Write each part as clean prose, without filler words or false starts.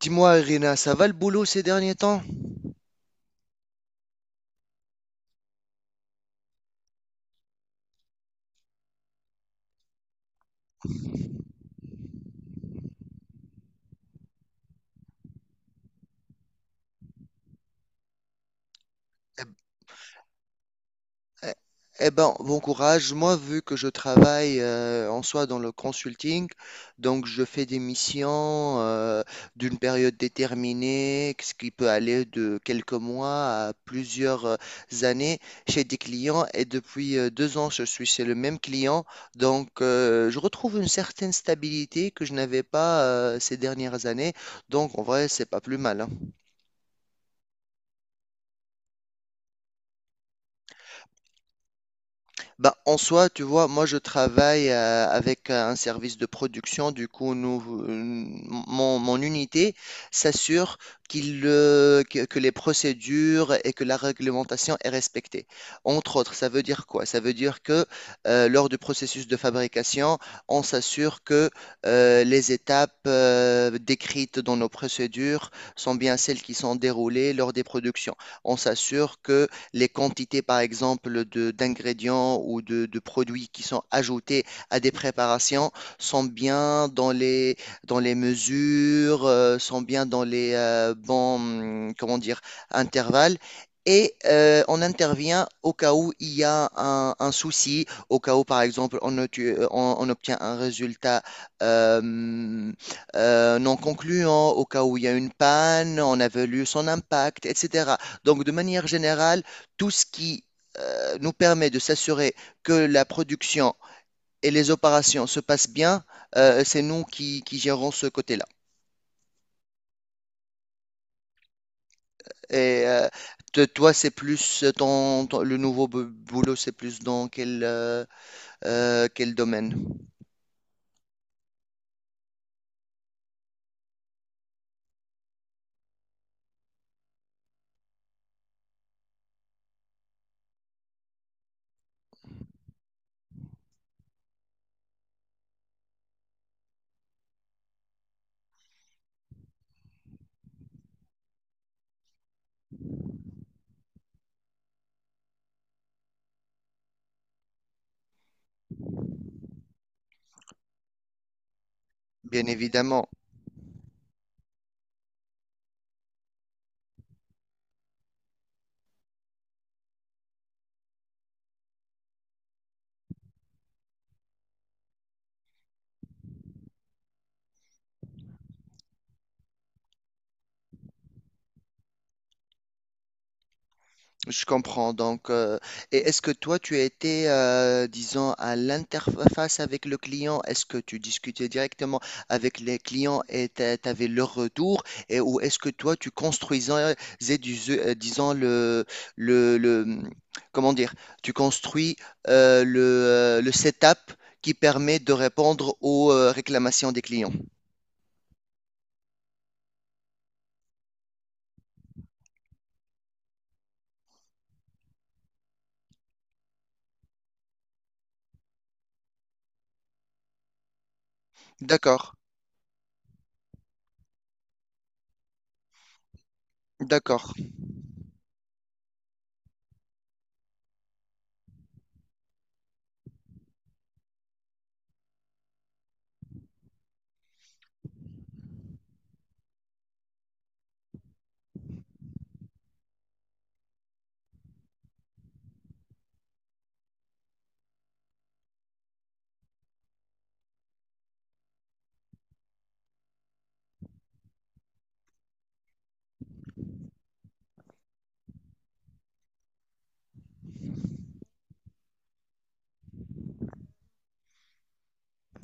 Dis-moi, Irina, ça va le boulot ces derniers temps? Eh eh- eh ben, bon courage. Moi, vu que je travaille en soi dans le consulting, donc je fais des missions d'une période déterminée, ce qui peut aller de quelques mois à plusieurs années chez des clients. Et depuis 2 ans, je suis chez le même client. Donc, je retrouve une certaine stabilité que je n'avais pas ces dernières années. Donc, en vrai, c'est pas plus mal, hein. Bah, en soi, tu vois, moi je travaille avec un service de production, du coup, nous, euh, mon unité s'assure que les procédures et que la réglementation est respectée. Entre autres, ça veut dire quoi? Ça veut dire que lors du processus de fabrication, on s'assure que les étapes décrites dans nos procédures sont bien celles qui sont déroulées lors des productions. On s'assure que les quantités, par exemple, d'ingrédients ou de produits qui sont ajoutés à des préparations sont bien dans dans les mesures, sont bien dans les bons, comment dire, intervalles. Et on intervient au cas où il y a un souci, au cas où, par exemple, on obtient un résultat euh, non concluant, au cas où il y a une panne, on a évalue son impact, etc. Donc, de manière générale, tout ce qui nous permet de s'assurer que la production et les opérations se passent bien, c'est nous qui gérons ce côté-là. Et toi, c'est plus le nouveau boulot, c'est plus dans quel, quel domaine? Bien évidemment. Je comprends. Donc, et est-ce que toi, tu étais, disons, à l'interface avec le client? Est-ce que tu discutais directement avec les clients et tu avais leur retour? Et, ou est-ce que toi, tu construisais, disons, le, le- comment dire, tu construis le setup qui permet de répondre aux réclamations des clients? D'accord, d'accord.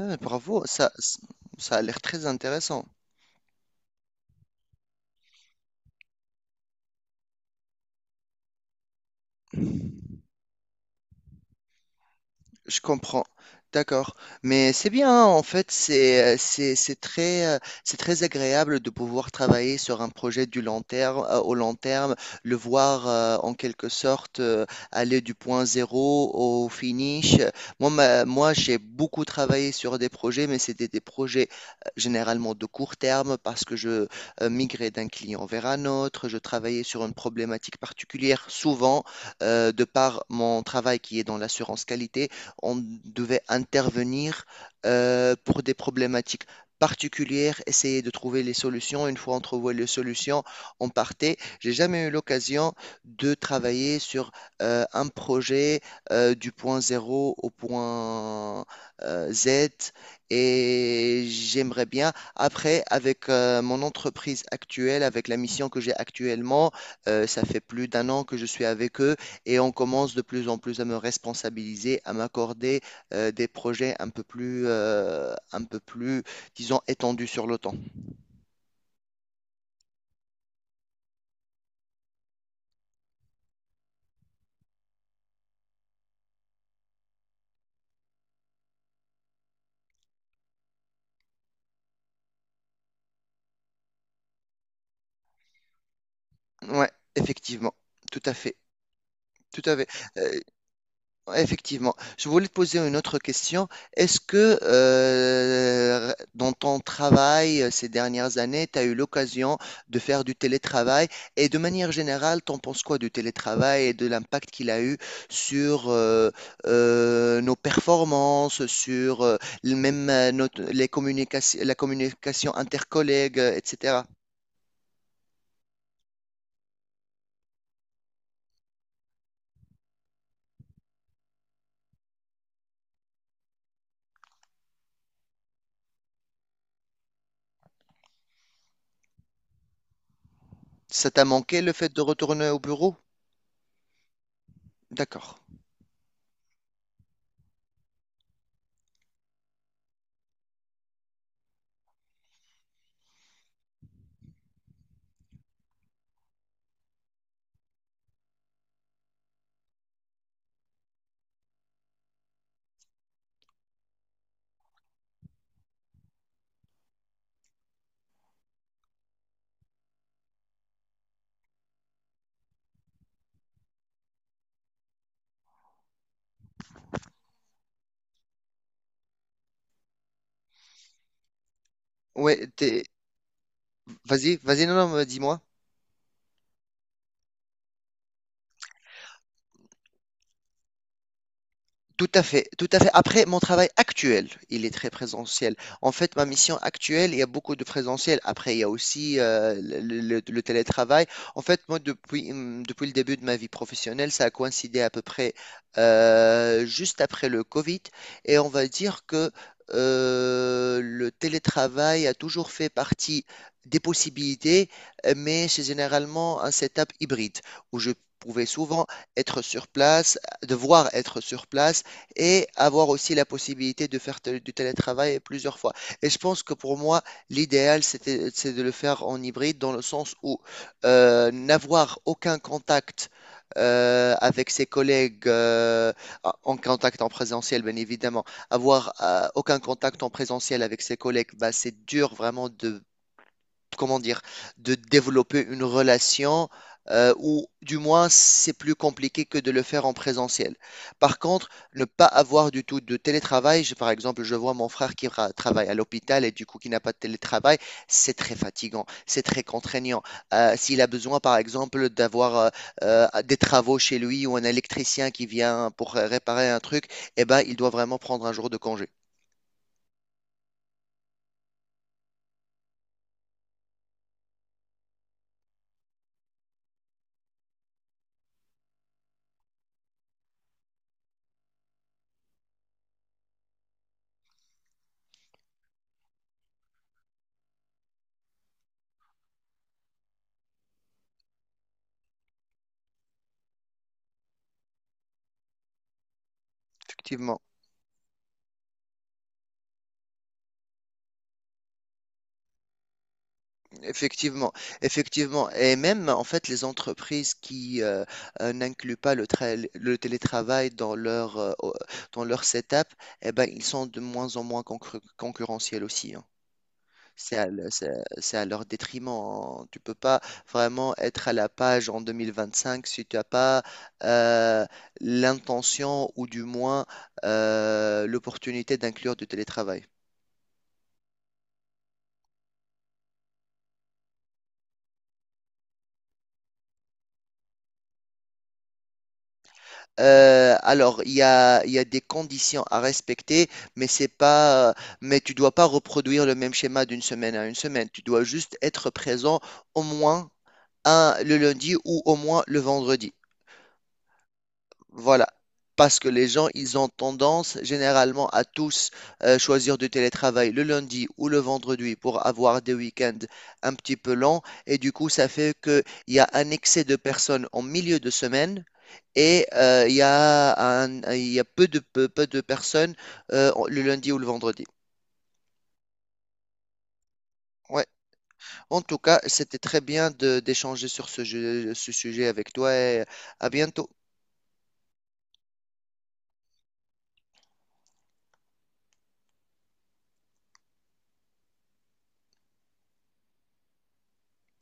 Ah, bravo, ça a l'air très intéressant. Je comprends. D'accord. Mais c'est bien, hein, en fait, c'est très agréable de pouvoir travailler sur un projet du long terme, au long terme, le voir en quelque sorte aller du point zéro au finish. Moi, moi, j'ai beaucoup travaillé sur des projets, mais c'était des projets généralement de court terme parce que je migrais d'un client vers un autre, je travaillais sur une problématique particulière, souvent, de par mon travail qui est dans l'assurance qualité on devait intervenir pour des problématiques particulières, essayer de trouver les solutions. Une fois on trouvait les solutions, on partait. J'ai jamais eu l'occasion de travailler sur un projet du point zéro au point Z et j'aimerais bien. Après, avec mon entreprise actuelle, avec la mission que j'ai actuellement, ça fait plus d'1 an que je suis avec eux et on commence de plus en plus à me responsabiliser, à m'accorder des projets un peu plus, disons, étendus sur le temps. Ouais, effectivement, tout à fait, tout à fait. Euh, Effectivement. Je voulais te poser une autre question. Est-ce que dans ton travail ces dernières années, tu as eu l'occasion de faire du télétravail et de manière générale, t'en penses quoi du télétravail et de l'impact qu'il a eu sur nos performances, sur les communications, la communication intercollègue, etc. Ça t'a manqué le fait de retourner au bureau? D'accord. Ouais, vas-y, vas-y, non, non, dis-moi. Tout à fait, tout à fait. Après, mon travail actuel, il est très présentiel. En fait, ma mission actuelle, il y a beaucoup de présentiel. Après, il y a aussi le télétravail. En fait, moi, depuis, depuis le début de ma vie professionnelle, ça a coïncidé à peu près juste après le Covid. Et on va dire que le télétravail a toujours fait partie des possibilités, mais c'est généralement un setup hybride où je pouvais souvent être sur place, devoir être sur place et avoir aussi la possibilité de faire du télétravail plusieurs fois. Et je pense que pour moi, l'idéal, c'est de le faire en hybride dans le sens où n'avoir aucun contact avec ses collègues en contact en présentiel, bien évidemment. Avoir aucun contact en présentiel avec ses collègues, bah, c'est dur vraiment de comment dire, de développer une relation ou du moins c'est plus compliqué que de le faire en présentiel. Par contre, ne pas avoir du tout de télétravail, par exemple, je vois mon frère qui travaille à l'hôpital et du coup qui n'a pas de télétravail, c'est très fatigant, c'est très contraignant. S'il a besoin, par exemple, d'avoir des travaux chez lui ou un électricien qui vient pour réparer un truc, eh ben, il doit vraiment prendre un jour de congé. Effectivement. Effectivement, effectivement. Et même, en fait, les entreprises qui n'incluent pas le télétravail dans leur, dans leur setup, eh ben, ils sont de moins en moins concurrentiels aussi, hein. C'est à, le- c'est à leur détriment, hein. Tu peux pas vraiment être à la page en 2025 si tu n'as pas euh, l'intention ou du moins l'opportunité d'inclure du télétravail. Alors, il y a des conditions à respecter, mais c'est pas, mais tu dois pas reproduire le même schéma d'une semaine à une semaine. Tu dois juste être présent au moins un, le lundi ou au moins le vendredi. Voilà. Parce que les gens, ils ont tendance généralement à tous choisir du télétravail le lundi ou le vendredi pour avoir des week-ends un petit peu longs. Et du coup, ça fait qu'il y a un excès de personnes en milieu de semaine et il y a il y a peu de personnes le lundi ou le vendredi. Ouais. En tout cas, c'était très bien d'échanger sur ce ce sujet avec toi et à bientôt.